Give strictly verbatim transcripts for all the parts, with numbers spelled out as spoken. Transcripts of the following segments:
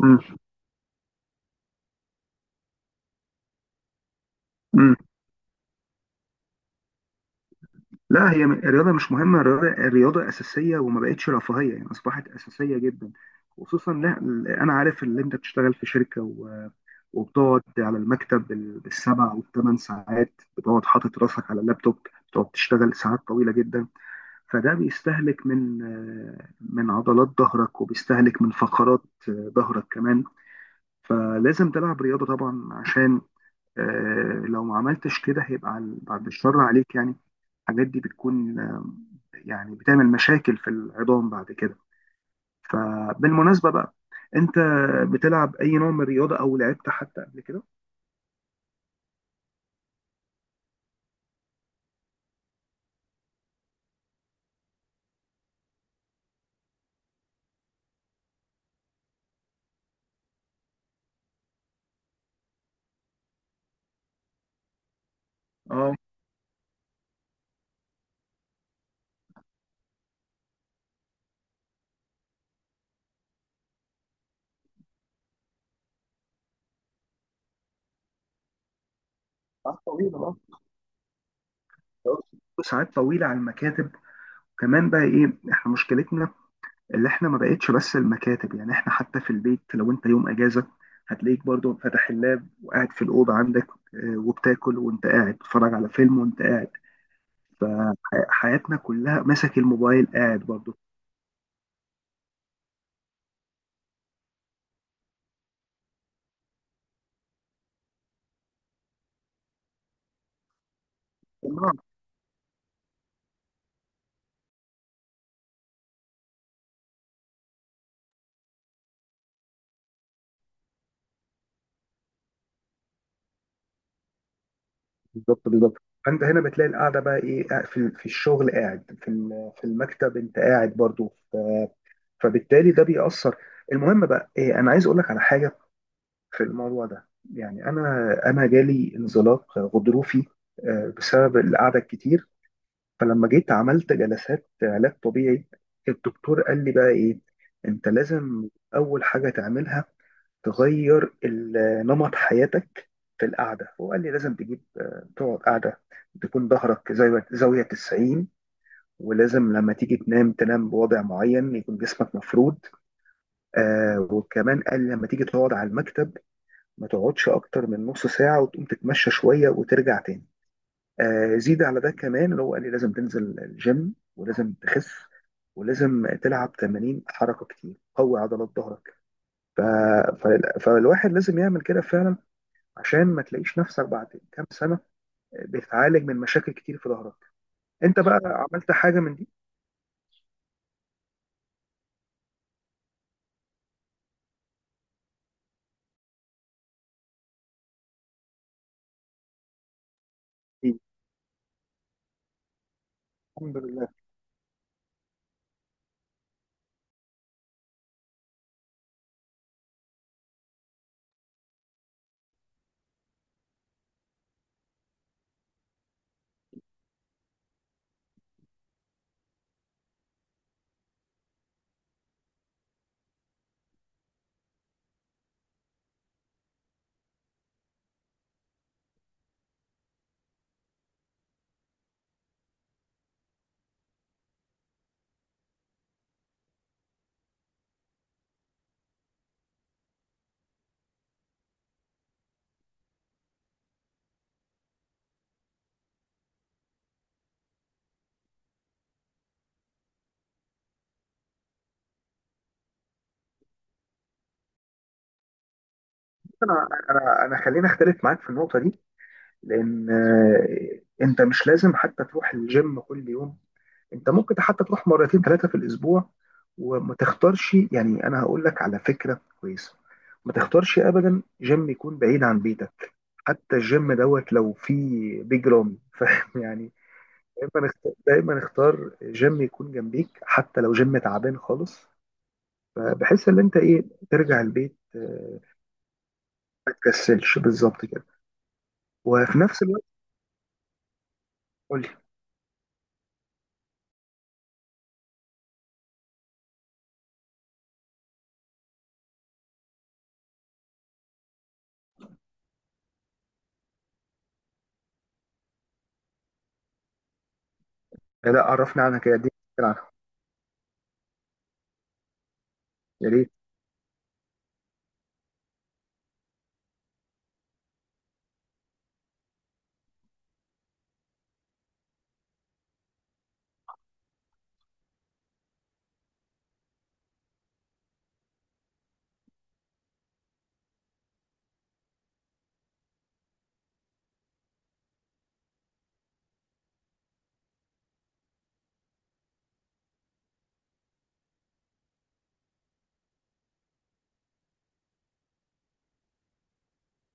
مم. مم. لا، هي م- الرياضة مش مهمة. الرياضة الرياضة أساسية وما بقتش رفاهية، يعني أصبحت أساسية جدا، خصوصا لا. أنا عارف إن أنت بتشتغل في شركة و- وبتقعد على المكتب بال- بالسبع والثمان ساعات، بتقعد حاطط راسك على اللابتوب، بتقعد تشتغل ساعات طويلة جدا. فده بيستهلك من آه، من عضلات ظهرك، وبيستهلك من فقرات آه، ظهرك كمان. فلازم تلعب رياضة طبعا، عشان آه، لو ما عملتش كده هيبقى عل- بعد الشر عليك يعني. الحاجات دي بتكون آه، يعني بتعمل مشاكل في العظام بعد كده. فبالمناسبة بقى، انت بتلعب اي نوع من الرياضة، او لعبت حتى قبل كده؟ اه، ساعات طويلة، اه، ساعات طويلة على المكاتب. كمان بقى ايه احنا مشكلتنا، اللي احنا ما بقتش بس المكاتب، يعني احنا حتى في البيت لو انت يوم اجازة هتلاقيك برضو فاتح اللاب وقاعد في الأوضة عندك، آه، وبتاكل وانت قاعد، بتتفرج على فيلم وانت قاعد. فحياتنا كلها ماسك الموبايل قاعد برضه. آه، بالظبط بالظبط. فانت هنا بتلاقي القعده بقى ايه، قاعد في في الشغل، قاعد في ال- في المكتب، انت قاعد برضو، ف- فبالتالي ده بيأثر. المهم بقى إيه، انا عايز اقول لك على حاجه في الموضوع ده. يعني انا انا جالي انزلاق غضروفي آه، بسبب القعده الكتير. فلما جيت عملت جلسات علاج طبيعي، الدكتور قال لي بقى ايه، انت لازم اول حاجه تعملها، تغير ال- نمط حياتك في القعدة. هو قال لي لازم تجيب آه، تقعد قعدة تكون ظهرك زاوية زاوية تسعين، ولازم لما تيجي تنام، تنام بوضع معين يكون جسمك مفرود. آه، وكمان قال لما تيجي تقعد على المكتب، ما تقعدش أكتر من نص ساعة، وتقوم تتمشى شوية وترجع تاني. آه، زيد على ده كمان اللي هو قال لي لازم تنزل الجيم، ولازم تخس، ولازم تلعب تمارين حركة كتير قوي عضلات ظهرك. ف... ف... فالواحد لازم يعمل كده فعلا، عشان ما تلاقيش نفسك بعد كام سنة بتعالج من مشاكل كتير في ظهرك. انت بقى عملت حاجة من دي؟ أكيد. الحمد لله. انا انا انا خليني اختلف معاك في النقطة دي، لان آه، انت مش لازم حتى تروح الجيم كل يوم. انت ممكن حتى تروح مرتين ثلاثة في الاسبوع. وما تختارش، يعني انا هقول لك على فكرة كويسة، ما تختارش ابدا جيم يكون بعيد عن بيتك، حتى الجيم دوت لو فيه بيج رامي فاهم يعني. دايما اخت- دايما اختار جيم يكون جنبيك، حتى لو جيم تعبان خالص، بحيث ان انت ايه، ترجع البيت. آه، ما تكسلش بالظبط كده. وفي نفس الوقت قول لي. آه، لا، عرفني عنها كده دي، عنها، يا ريت.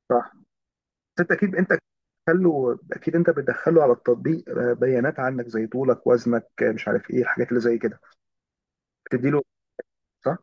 صح. بس انت اكيد، انت بتدخله، اكيد انت بتدخله على التطبيق آه، بيانات عنك زي طولك، وزنك، آه، مش عارف ايه الحاجات اللي زي كده، بتديله، صح؟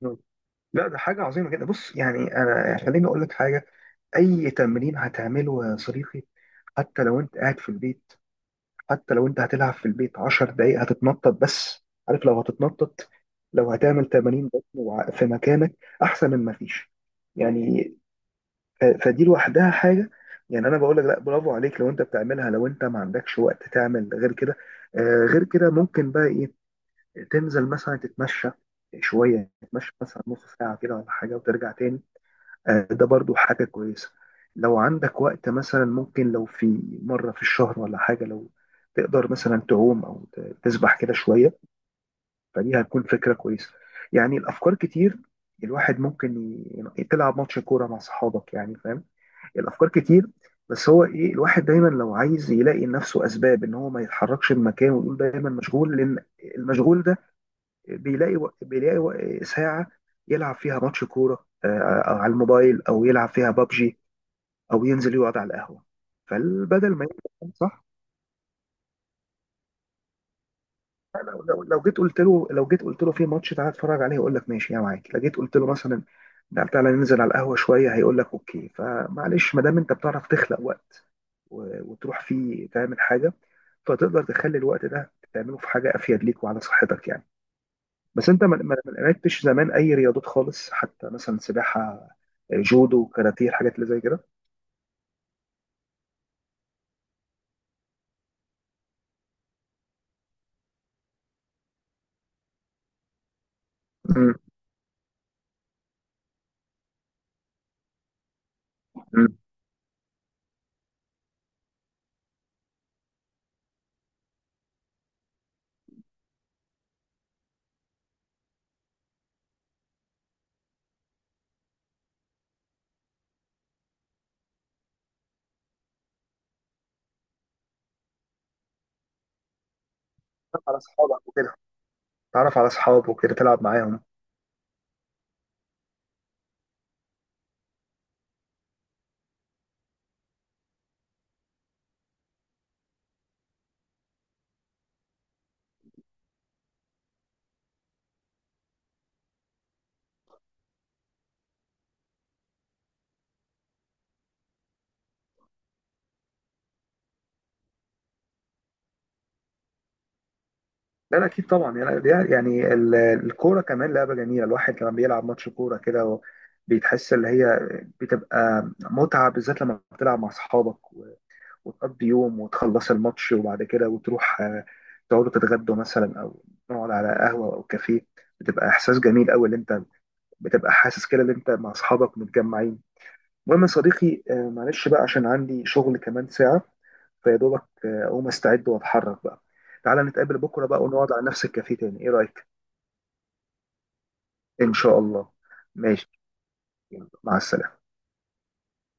مم. لا، ده حاجه عظيمه جدا. بص يعني، انا يعني خليني اقول لك حاجه. اي تمرين هتعمله يا صديقي، حتى لو انت قاعد في البيت، حتى لو انت هتلعب في البيت عشر دقايق هتتنطط، بس عارف لو هتتنطط، لو هتعمل تمانين بطن وع- في مكانك، احسن من ما فيش يعني. ف- فدي لوحدها حاجه. يعني انا بقول لك، لا، برافو عليك لو انت بتعملها. لو انت ما عندكش وقت تعمل غير كده، آه، غير كده ممكن بقى ايه، تنزل مثلا تتمشى شويه، تتمشى مثلا نص ساعه كده ولا حاجه وترجع تاني. آه، ده برضو حاجة كويسة. لو عندك وقت مثلا، ممكن لو في مرة في الشهر ولا حاجة، لو تقدر مثلا تعوم، أو ت- تسبح كده شوية، فدي هتكون فكرة كويسة. يعني الأفكار كتير. الواحد ممكن ي- ي- تلعب ماتش كورة مع صحابك يعني، فاهم؟ الأفكار كتير. بس هو إيه، الواحد دايما لو عايز يلاقي لنفسه أسباب إن هو ما يتحركش من مكانه، ويقول دايما مشغول. لأن المشغول ده بيلاقي وق- بيلاقي وق- ساعة يلعب فيها ماتش كورة آه، آه، على الموبايل، او يلعب فيها بابجي، او ينزل يقعد على القهوه. فالبدل ما ينزل، صح، لو لو لو جيت قلت له، لو جيت قلت له في ماتش تعالى اتفرج عليه، يقول لك ماشي يا معاك. لو جيت قلت له مثلا، لا تعالى ننزل على القهوه شويه، هيقول لك اوكي. فمعلش، ما دام انت بتعرف تخلق وقت و- وتروح فيه تعمل حاجه، فتقدر تخلي الوقت ده تعمله في حاجه افيد ليك وعلى صحتك يعني. بس انت ما ما- ما لعبتش زمان اي رياضات خالص، حتى مثلا سباحه، جودو، كاراتيه، الحاجات اللي زي كده؟ امم. على اصحابك وكده، تعرف على اصحابك وكده تلعب معاهم. لا لا اكيد طبعا، يعني دي- يعني يعني ال- الكوره كمان لعبه جميله. الواحد لما بيلعب ماتش كوره كده، بيتحس اللي هي، بتبقى متعه، بالذات لما بتلعب مع اصحابك، و- وتقضي يوم وتخلص الماتش، وبعد كده وتروح آه، تقعدوا تتغدوا مثلا، او نقعد على قهوه او كافيه. بتبقى احساس جميل قوي اللي انت بتبقى حاسس كده ان انت مع اصحابك متجمعين. المهم يا صديقي، آه، معلش بقى عشان عندي شغل كمان ساعه، فيا دوبك آه، اقوم استعد واتحرك بقى. تعالى نتقابل بكره بقى، ونقعد على نفس الكافيه تاني، ايه رايك؟ ان شاء الله. ماشي، مع السلامه.